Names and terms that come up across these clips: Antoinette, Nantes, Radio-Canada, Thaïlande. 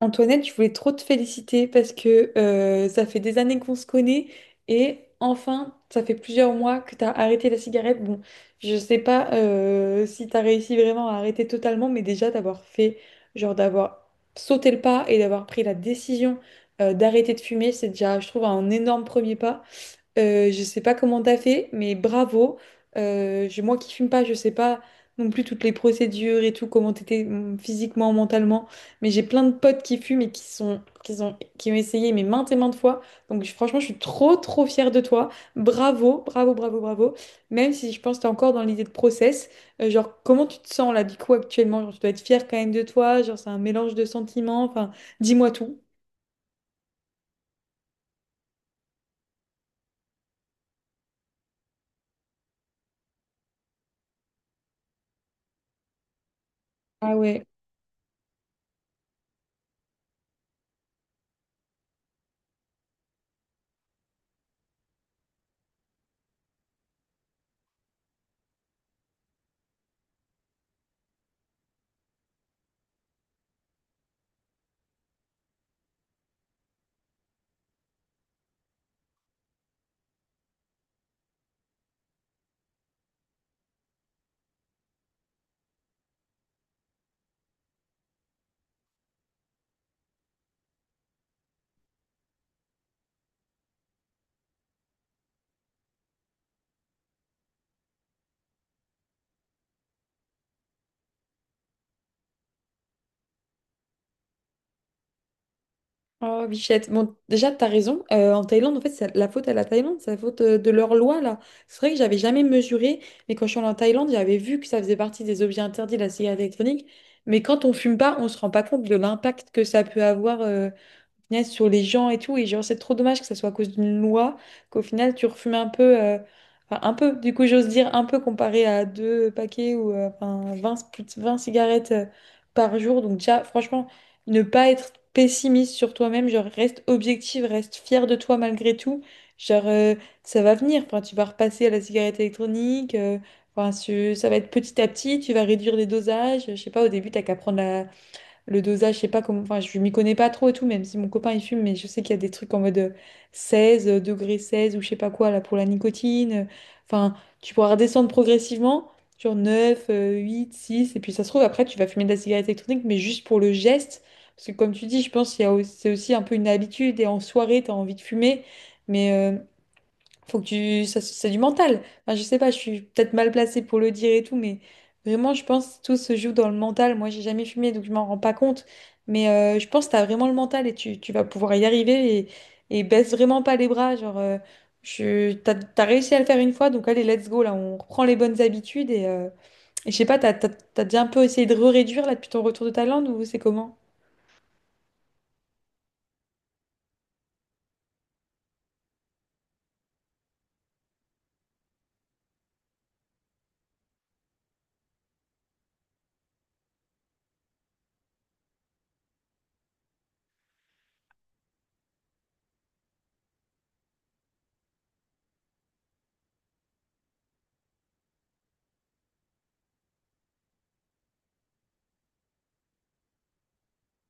Antoinette, je voulais trop te féliciter parce que ça fait des années qu'on se connaît et enfin, ça fait plusieurs mois que tu as arrêté la cigarette. Bon, je sais pas si tu as réussi vraiment à arrêter totalement, mais déjà d'avoir fait, genre d'avoir sauté le pas et d'avoir pris la décision d'arrêter de fumer, c'est déjà, je trouve, un énorme premier pas. Je sais pas comment t'as fait, mais bravo. Moi qui fume pas, je sais pas non plus toutes les procédures et tout, comment t'étais physiquement, mentalement. Mais j'ai plein de potes qui fument et qui ont essayé mais maintes et maintes fois. Franchement, je suis trop trop fière de toi. Bravo, bravo, bravo, bravo. Même si je pense que t'es encore dans l'idée de process. Genre comment tu te sens là du coup actuellement? Genre, tu dois être fière quand même de toi. Genre c'est un mélange de sentiments. Enfin, dis-moi tout. Ah ouais. Oh, bichette. Bon, déjà, t'as raison. En Thaïlande, en fait, c'est la faute à la Thaïlande, c'est la faute de leur loi, là. C'est vrai que j'avais jamais mesuré, mais quand je suis allée en Thaïlande, j'avais vu que ça faisait partie des objets interdits, la cigarette électronique. Mais quand on fume pas, on se rend pas compte de l'impact que ça peut avoir. Punaise, sur les gens et tout. Et genre, c'est trop dommage que ça soit à cause d'une loi qu'au final, tu refumes un peu, enfin, un peu, du coup, j'ose dire un peu comparé à deux paquets ou enfin, 20 plus de 20 cigarettes par jour. Donc, déjà, franchement, ne pas être pessimiste sur toi-même, genre, reste objective, reste fier de toi malgré tout. Genre, euh, Ça va venir. Enfin, tu vas repasser à la cigarette électronique. Enfin, ça va être petit à petit, tu vas réduire les dosages. Je sais pas, au début, t'as qu'à prendre la, le dosage, je sais pas comment, enfin, je m'y connais pas trop et tout, même si mon copain il fume, mais je sais qu'il y a des trucs en mode 16, degré 16 ou je sais pas quoi là pour la nicotine. Enfin, tu pourras redescendre progressivement, genre 9 8, 6, et puis ça se trouve après tu vas fumer de la cigarette électronique, mais juste pour le geste. Parce que comme tu dis, je pense qu'il y a aussi, c'est aussi un peu une habitude et en soirée, tu as envie de fumer. Mais faut que tu... ça, c'est du mental. Enfin, je sais pas, je suis peut-être mal placée pour le dire et tout, mais vraiment, je pense que tout se joue dans le mental. Moi, j'ai jamais fumé, donc je m'en rends pas compte. Mais je pense que t'as vraiment le mental et tu vas pouvoir y arriver et baisse vraiment pas les bras. T'as réussi à le faire une fois, donc allez, let's go, là, on reprend les bonnes habitudes et je sais pas, t'as déjà un peu essayé de réduire là depuis ton retour de Thaïlande ou c'est comment?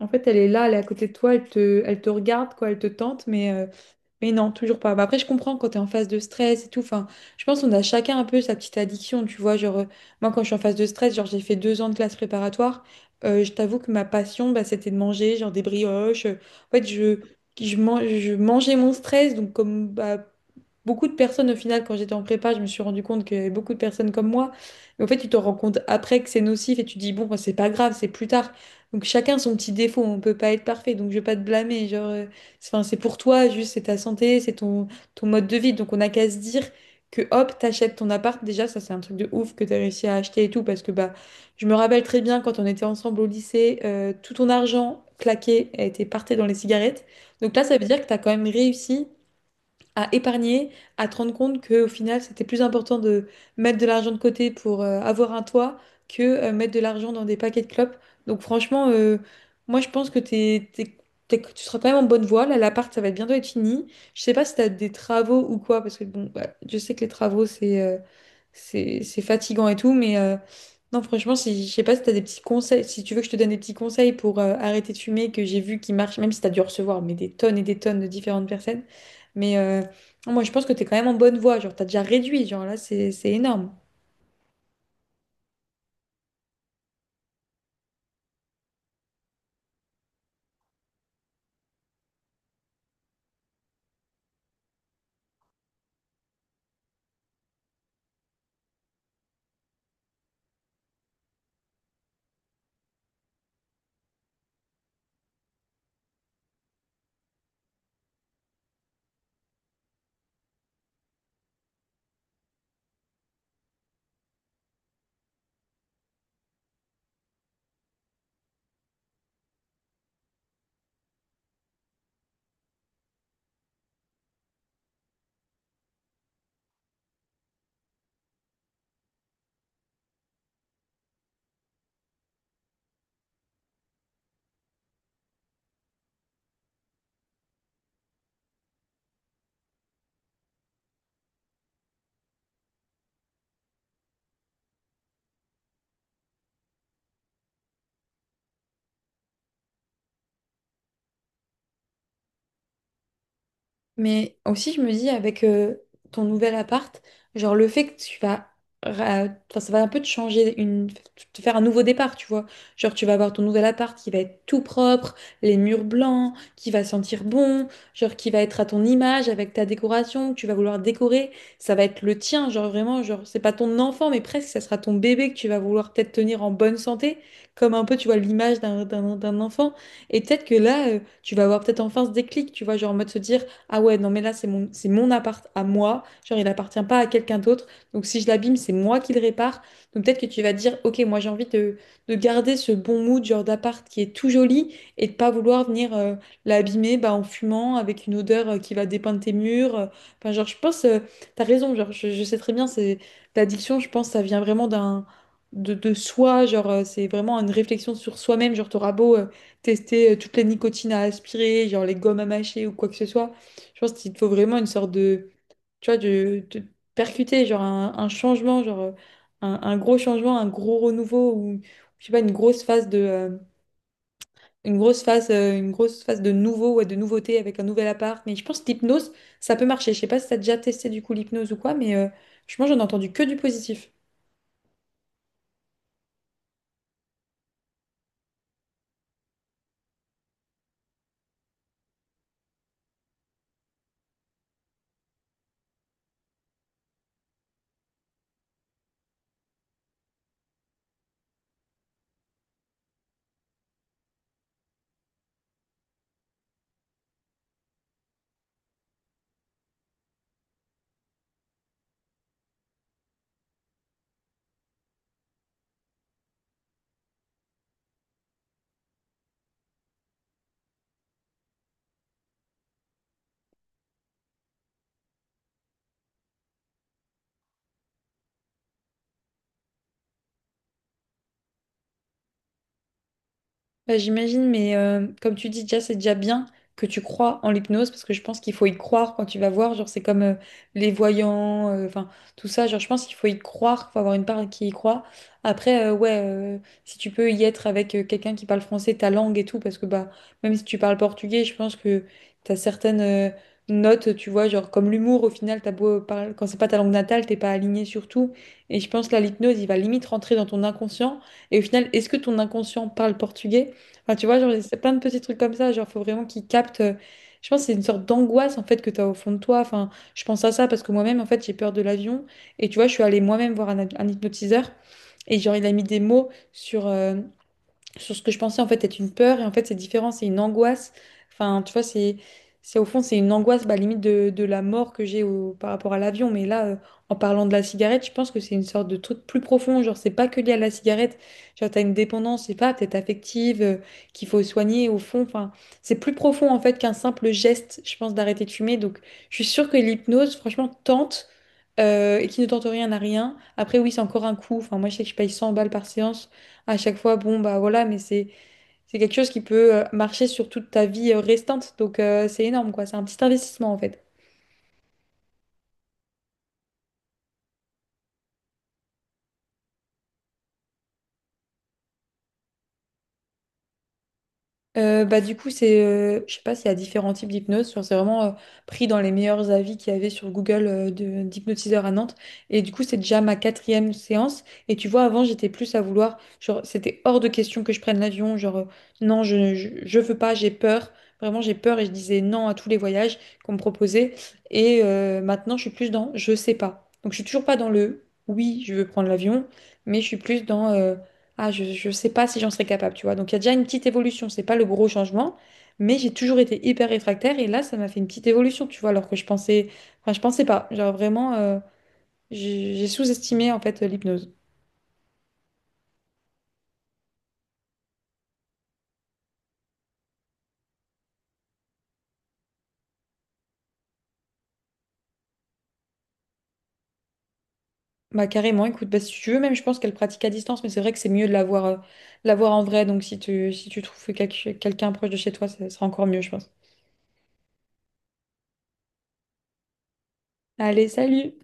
En fait, elle est là, elle est à côté de toi, elle te regarde, quoi, elle te tente, mais non, toujours pas. Bah, après, je comprends quand tu es en phase de stress et tout. Enfin, je pense qu'on a chacun un peu sa petite addiction, tu vois. Moi, quand je suis en phase de stress, genre, j'ai fait 2 ans de classe préparatoire. Je t'avoue que ma passion, bah, c'était de manger, genre des brioches. En fait, je mangeais mon stress, donc comme bah, beaucoup de personnes, au final, quand j'étais en prépa, je me suis rendu compte qu'il y avait beaucoup de personnes comme moi. Mais en fait, tu te rends compte après que c'est nocif et tu te dis, bon, bah, c'est pas grave, c'est plus tard. Donc, chacun son petit défaut, on peut pas être parfait, donc je vais pas te blâmer. C'est 'fin, c'est pour toi, juste, c'est ta santé, ton mode de vie. Donc, on n'a qu'à se dire que hop, t'achètes ton appart. Déjà, ça, c'est un truc de ouf que t'as réussi à acheter et tout, parce que bah, je me rappelle très bien quand on était ensemble au lycée, tout ton argent claqué a été parté dans les cigarettes. Donc là, ça veut dire que t'as quand même réussi à épargner, à te rendre compte qu'au final, c'était plus important de mettre de l'argent de côté pour avoir un toit que mettre de l'argent dans des paquets de clopes. Donc franchement, moi je pense que tu seras quand même en bonne voie. Là, l'appart, ça va bientôt être fini. Je sais pas si tu as des travaux ou quoi, parce que bon, bah, je sais que les travaux, c'est fatigant et tout, mais non, franchement, si, je sais pas si t'as des petits conseils, si tu veux que je te donne des petits conseils pour arrêter de fumer, que j'ai vu qui marchent, même si t'as dû recevoir mais des tonnes et des tonnes de différentes personnes. Mais moi, je pense que t'es quand même en bonne voie. Genre, t'as déjà réduit. Genre, là, c'est énorme. Mais aussi, je me dis, avec ton nouvel appart, genre le fait que enfin, ça va un peu te changer, te faire un nouveau départ, tu vois. Genre, tu vas avoir ton nouvel appart qui va être tout propre, les murs blancs, qui va sentir bon, genre qui va être à ton image avec ta décoration, que tu vas vouloir décorer. Ça va être le tien, genre vraiment, genre, c'est pas ton enfant, mais presque, ça sera ton bébé que tu vas vouloir peut-être tenir en bonne santé, comme un peu, tu vois, l'image d'un enfant. Et peut-être que là, tu vas avoir peut-être enfin ce déclic, tu vois, genre en mode se dire ah ouais, non, mais là, c'est mon appart à moi. Genre, il appartient pas à quelqu'un d'autre. Donc, si je l'abîme, c'est moi qui le répare. Donc, peut-être que tu vas te dire, ok, moi, j'ai envie de garder ce bon mood, genre d'appart qui est tout joli et de pas vouloir venir l'abîmer bah, en fumant avec une odeur qui va dépeindre tes murs. Enfin, genre, je pense, euh, T'as raison. Genre, je sais très bien, c'est l'addiction, je pense, ça vient vraiment d'un. de soi, c'est vraiment une réflexion sur soi-même, genre t'auras beau tester toutes les nicotines à aspirer, genre les gommes à mâcher ou quoi que ce soit. Je pense qu'il te faut vraiment une sorte de, tu vois, de percuter, genre un changement, un gros changement, un gros renouveau, ou je sais pas, une grosse phase de, une grosse phase de nouveau, ouais, de nouveauté avec un nouvel appart. Mais je pense que l'hypnose, ça peut marcher. Je sais pas si t'as déjà testé du coup l'hypnose ou quoi, mais franchement, j'en ai entendu que du positif. Bah, j'imagine, mais comme tu dis déjà, c'est déjà bien que tu crois en l'hypnose parce que je pense qu'il faut y croire quand tu vas voir. Genre, c'est comme les voyants, enfin, tout ça. Genre, je pense qu'il faut y croire, faut avoir une part qui y croit. Après, ouais, si tu peux y être avec quelqu'un qui parle français, ta langue et tout, parce que bah, même si tu parles portugais, je pense que t'as certaines notes, tu vois, genre comme l'humour, au final, t'as beau parler, quand c'est pas ta langue natale, t'es pas aligné sur tout. Et je pense là, l'hypnose, il va limite rentrer dans ton inconscient. Et au final, est-ce que ton inconscient parle portugais? Enfin, tu vois, genre, c'est plein de petits trucs comme ça. Genre, faut vraiment qu'ils captent. Je pense que c'est une sorte d'angoisse, en fait, que tu as au fond de toi. Enfin, je pense à ça parce que moi-même, en fait, j'ai peur de l'avion. Et tu vois, je suis allée moi-même voir un hypnotiseur. Et genre, il a mis des mots sur ce que je pensais en fait être une peur et en fait c'est différent, c'est une angoisse. Enfin, tu vois, c'est au fond c'est une angoisse bah, limite de la mort que j'ai par rapport à l'avion. Mais là, en parlant de la cigarette, je pense que c'est une sorte de truc plus profond. Genre c'est pas que lié à la cigarette. Genre t'as une dépendance, c'est pas peut-être affective qu'il faut soigner au fond. Enfin, c'est plus profond en fait qu'un simple geste, je pense, d'arrêter de fumer. Donc je suis sûre que l'hypnose, franchement, tente. Et qui ne tente rien à rien. Après, oui, c'est encore un coût. Enfin, moi, je sais que je paye 100 balles par séance à chaque fois, bon, bah voilà, mais c'est quelque chose qui peut marcher sur toute ta vie restante. Donc, c'est énorme, quoi. C'est un petit investissement, en fait. Bah, du coup, je sais pas s'il y a différents types d'hypnose. Genre, c'est vraiment pris dans les meilleurs avis qu'il y avait sur Google d'hypnotiseurs à Nantes. Et du coup, c'est déjà ma 4e séance. Et tu vois, avant, j'étais plus à vouloir. Genre, c'était hors de question que je prenne l'avion. Non, je veux pas, j'ai peur. Vraiment, j'ai peur et je disais non à tous les voyages qu'on me proposait. Et maintenant, je suis plus dans je sais pas. Donc, je suis toujours pas dans le oui, je veux prendre l'avion, mais je suis plus dans. Ah, je sais pas si j'en serais capable, tu vois. Donc, il y a déjà une petite évolution. C'est pas le gros changement, mais j'ai toujours été hyper réfractaire et là, ça m'a fait une petite évolution, tu vois, alors que je pensais, enfin, je pensais pas. J'ai sous-estimé en fait l'hypnose. Bah, carrément, écoute, bah, si tu veux, même je pense qu'elle pratique à distance, mais c'est vrai que c'est mieux de l'avoir, voir, de la en vrai. Donc, si tu trouves quelqu'un proche de chez toi, ça sera encore mieux, je pense. Allez, salut!